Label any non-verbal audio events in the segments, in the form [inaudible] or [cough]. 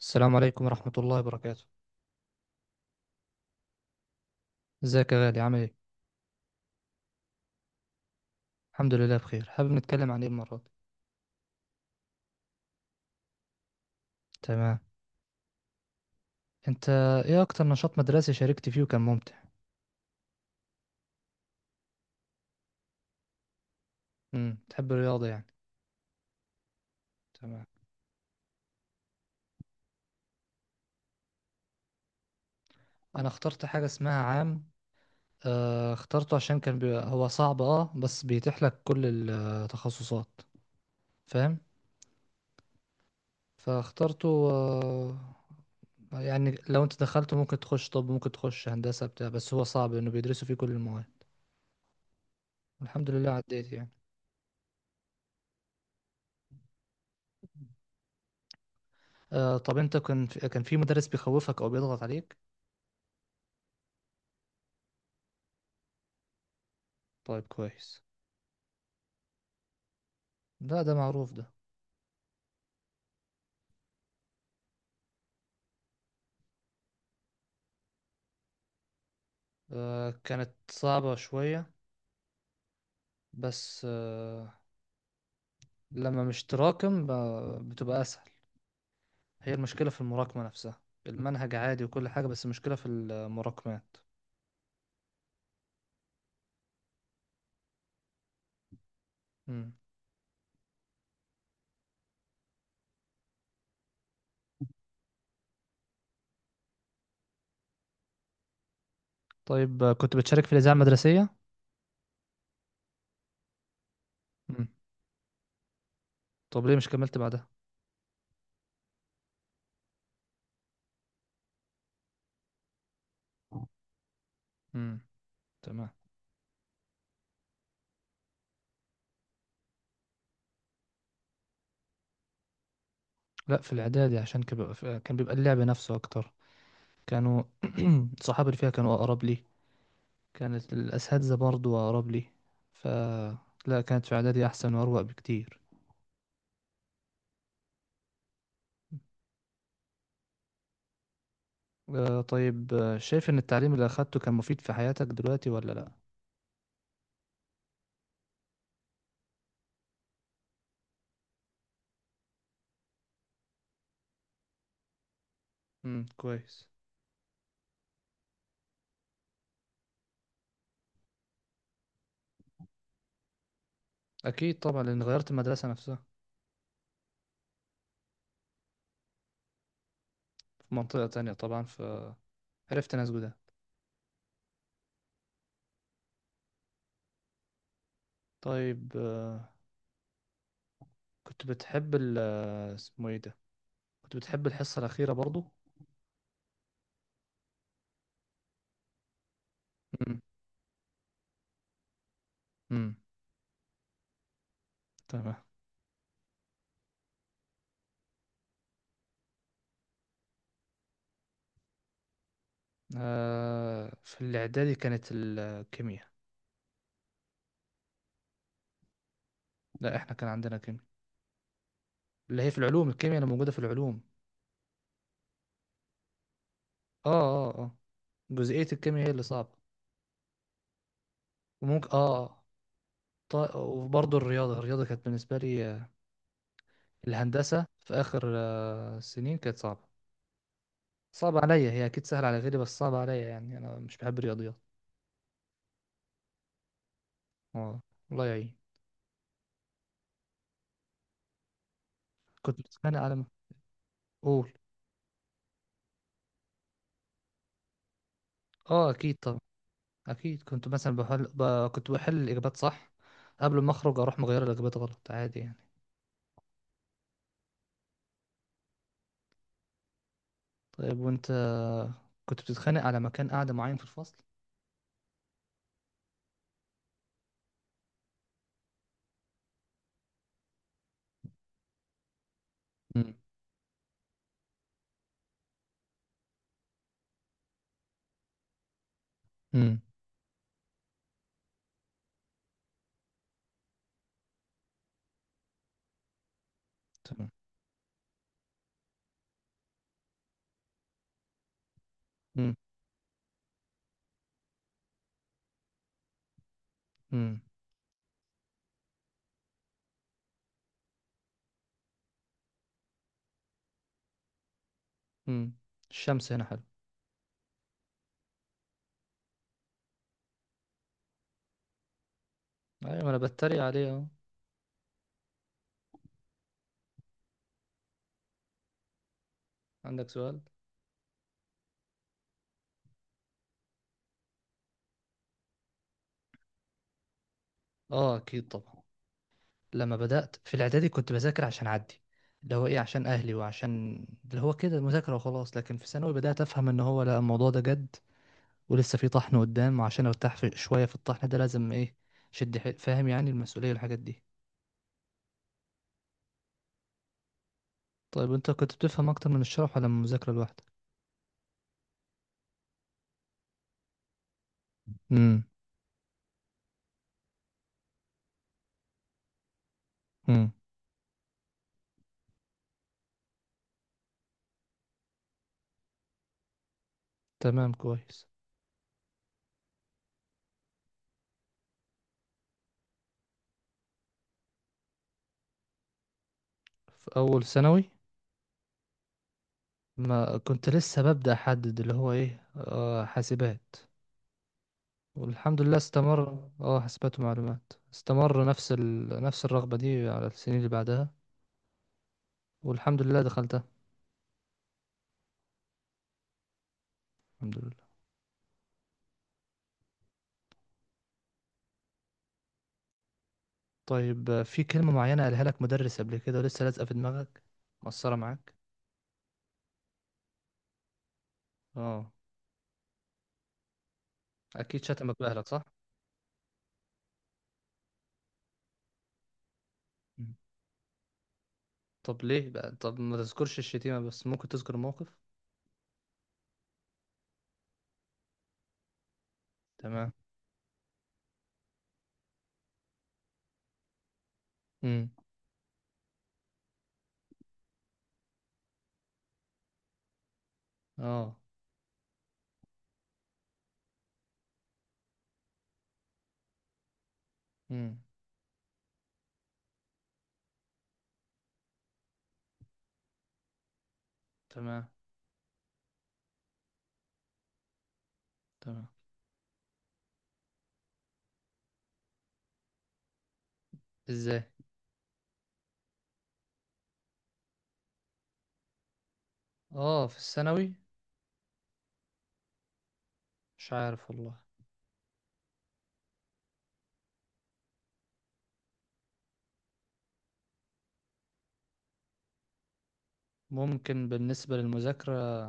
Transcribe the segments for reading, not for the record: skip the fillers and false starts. السلام عليكم ورحمة الله وبركاته. ازيك يا غالي، عامل ايه؟ الحمد لله بخير، حابب نتكلم عن ايه المرة دي؟ تمام. انت ايه اكتر نشاط مدرسي شاركت فيه وكان ممتع؟ تحب الرياضة يعني. تمام. انا اخترت حاجة اسمها عام. آه اخترته عشان هو صعب اه بس بيتيح لك كل التخصصات. فاهم؟ فاخترته. يعني لو انت دخلته ممكن تخش طب، ممكن تخش هندسة بتاع، بس هو صعب انه بيدرسوا فيه كل المواد. الحمد لله عديت يعني. آه، طب انت كان في مدرس بيخوفك او بيضغط عليك؟ طيب كويس. ده معروف ده. آه كانت صعبة شوية، بس، لما مش تراكم بتبقى اسهل. هي المشكلة في المراكمة نفسها. المنهج عادي وكل حاجة، بس المشكلة في المراكمات. مم. طيب، كنت بتشارك في الإذاعة المدرسية؟ مم. طب ليه مش كملت بعدها؟ مم. تمام. لا، في الإعدادي عشان كان بيبقى اللعب نفسه أكتر. كانوا صحابي اللي فيها كانوا أقرب لي. كانت الأساتذة برضو أقرب لي. ف لا كانت في إعدادي أحسن وأروق بكتير. آه، طيب، شايف إن التعليم اللي أخدته كان مفيد في حياتك دلوقتي ولا لأ؟ كويس. أكيد طبعا، لأن غيرت المدرسة نفسها. في منطقة تانية طبعا فعرفت ناس جداد. طيب، كنت بتحب ال آه، اسمه إيه ده؟ كنت بتحب الحصة الأخيرة برضو؟ امم. امم. تمام. آه، في الإعدادي كانت الكيمياء. لا، إحنا كان عندنا كيمياء. اللي هي في العلوم، الكيمياء اللي موجودة في العلوم. اه اه اه. جزئية الكيمياء هي اللي صعبة. وممكن اه. طيب، وبرضه الرياضة كانت بالنسبة لي، الهندسة في آخر السنين كانت صعبة. صعبة عليا، هي أكيد سهلة على غيري، بس صعبة عليا يعني أنا مش بحب الرياضيات. اه. الله يعين. كنت بتخانق على ما أقول. اه، أكيد طبعا. أكيد كنت مثلا كنت بحل الإجابات صح، قبل ما أخرج أروح مغير الإجابات غلط عادي يعني. طيب، وأنت، كنت بتتخانق على مكان قاعدة معين في الفصل؟ امم. امم. تمام. امم. امم. الشمس هنا حلو. ايوه، ما انا بتريق عليه اهو. عندك سؤال؟ اه، اكيد طبعا. لما بدأت في الاعدادي كنت بذاكر عشان اعدي، اللي هو ايه عشان اهلي وعشان اللي هو كده مذاكرة وخلاص، لكن في ثانوي بدأت افهم ان هو لا، الموضوع ده جد. ولسه في طحن قدام، وعشان ارتاح في شوية في الطحن ده لازم ايه، فاهم يعني المسؤولية والحاجات دي. طيب، انت كنت بتفهم اكتر من الشرح ولا من المذاكرة لوحدك؟ امم. امم. تمام كويس. في اول ثانوي ما كنت لسه ببدأ احدد اللي هو ايه، حاسبات. والحمد لله استمر، حاسبات ومعلومات، استمر نفس نفس الرغبة دي على السنين اللي بعدها. والحمد لله دخلتها. الحمد لله. طيب، في كلمة معينة قالها لك مدرس قبل كده ولسه لازقة في دماغك؟ مقصرة معاك؟ اه، اكيد شتمك بأهلك صح؟ مم. طب ليه بقى طب ما تذكرش الشتيمة، بس ممكن تذكر موقف. تمام. امم. اه. امم. تمام. تمام. ازاي؟ اه، في الثانوي. مش عارف والله. ممكن بالنسبة للمذاكرة.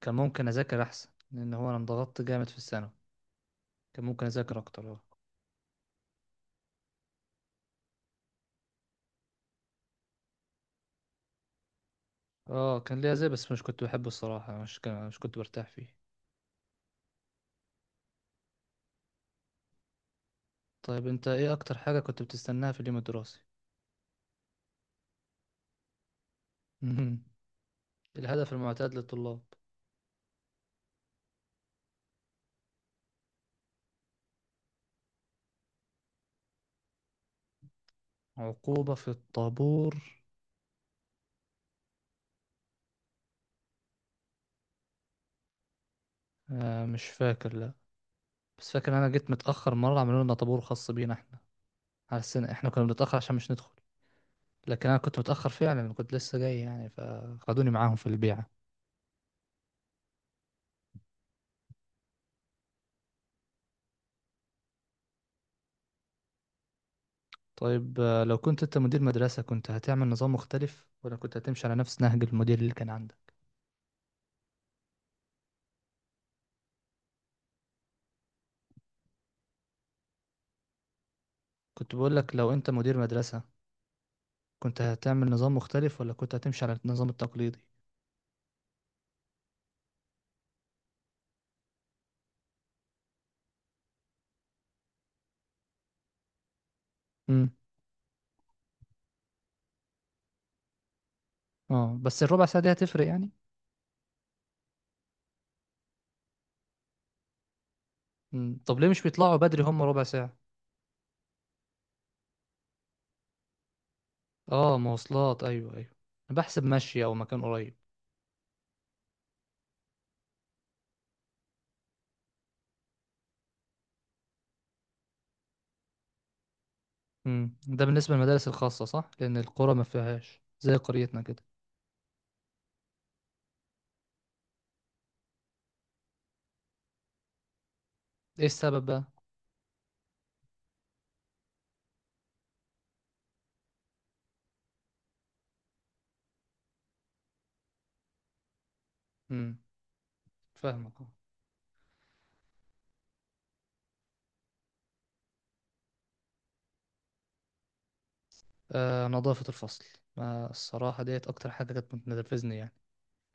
كان ممكن اذاكر احسن، لان هو انا انضغطت جامد في الثانوي. كان ممكن اذاكر اكتر اه. اه، كان ليا زي بس مش كنت بحبه الصراحه، مش كنت برتاح فيه. طيب، انت ايه اكتر حاجه كنت بتستناها في اليوم الدراسي؟ مهم. [laughs] الهدف المعتاد للطلاب. عقوبه في الطابور؟ آه، مش فاكر لا. بس فاكر انا جيت متاخر مره، عملوا لنا طابور خاص بينا احنا، على السنه احنا كنا بنتاخر عشان مش ندخل. لكن انا كنت متاخر فعلا، كنت لسه جاي يعني فخدوني معاهم في البيعه. طيب، لو كنت انت مدير مدرسة كنت هتعمل نظام مختلف ولا كنت هتمشي على نفس نهج المدير اللي كان عندك؟ كنت بقول لك، لو انت مدير مدرسة كنت هتعمل نظام مختلف ولا كنت هتمشي على النظام التقليدي؟ امم. اه، بس الربع ساعة دي هتفرق يعني. مم. طب ليه مش بيطلعوا بدري هم ربع ساعة؟ اه، مواصلات، ايوه ايوه. انا بحسب مشي او مكان قريب. ده بالنسبة للمدارس الخاصة صح، لان القرى ما فيهاش زي قريتنا كده. ايه السبب بقى؟ امم. فاهمك. آه، نظافة الفصل. ما الصراحة ديت أكتر حاجة كانت بتنرفزني يعني.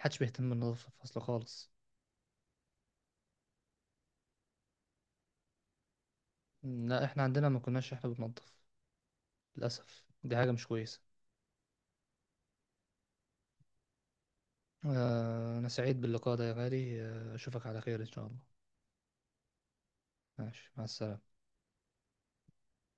محدش بيهتم بنظافة الفصل خالص. لا، إحنا عندنا ما كناش إحنا بننظف. للأسف دي حاجة مش كويسة. آه، أنا سعيد باللقاء ده يا غالي، أشوفك على خير إن شاء الله. ماشي، مع السلامة.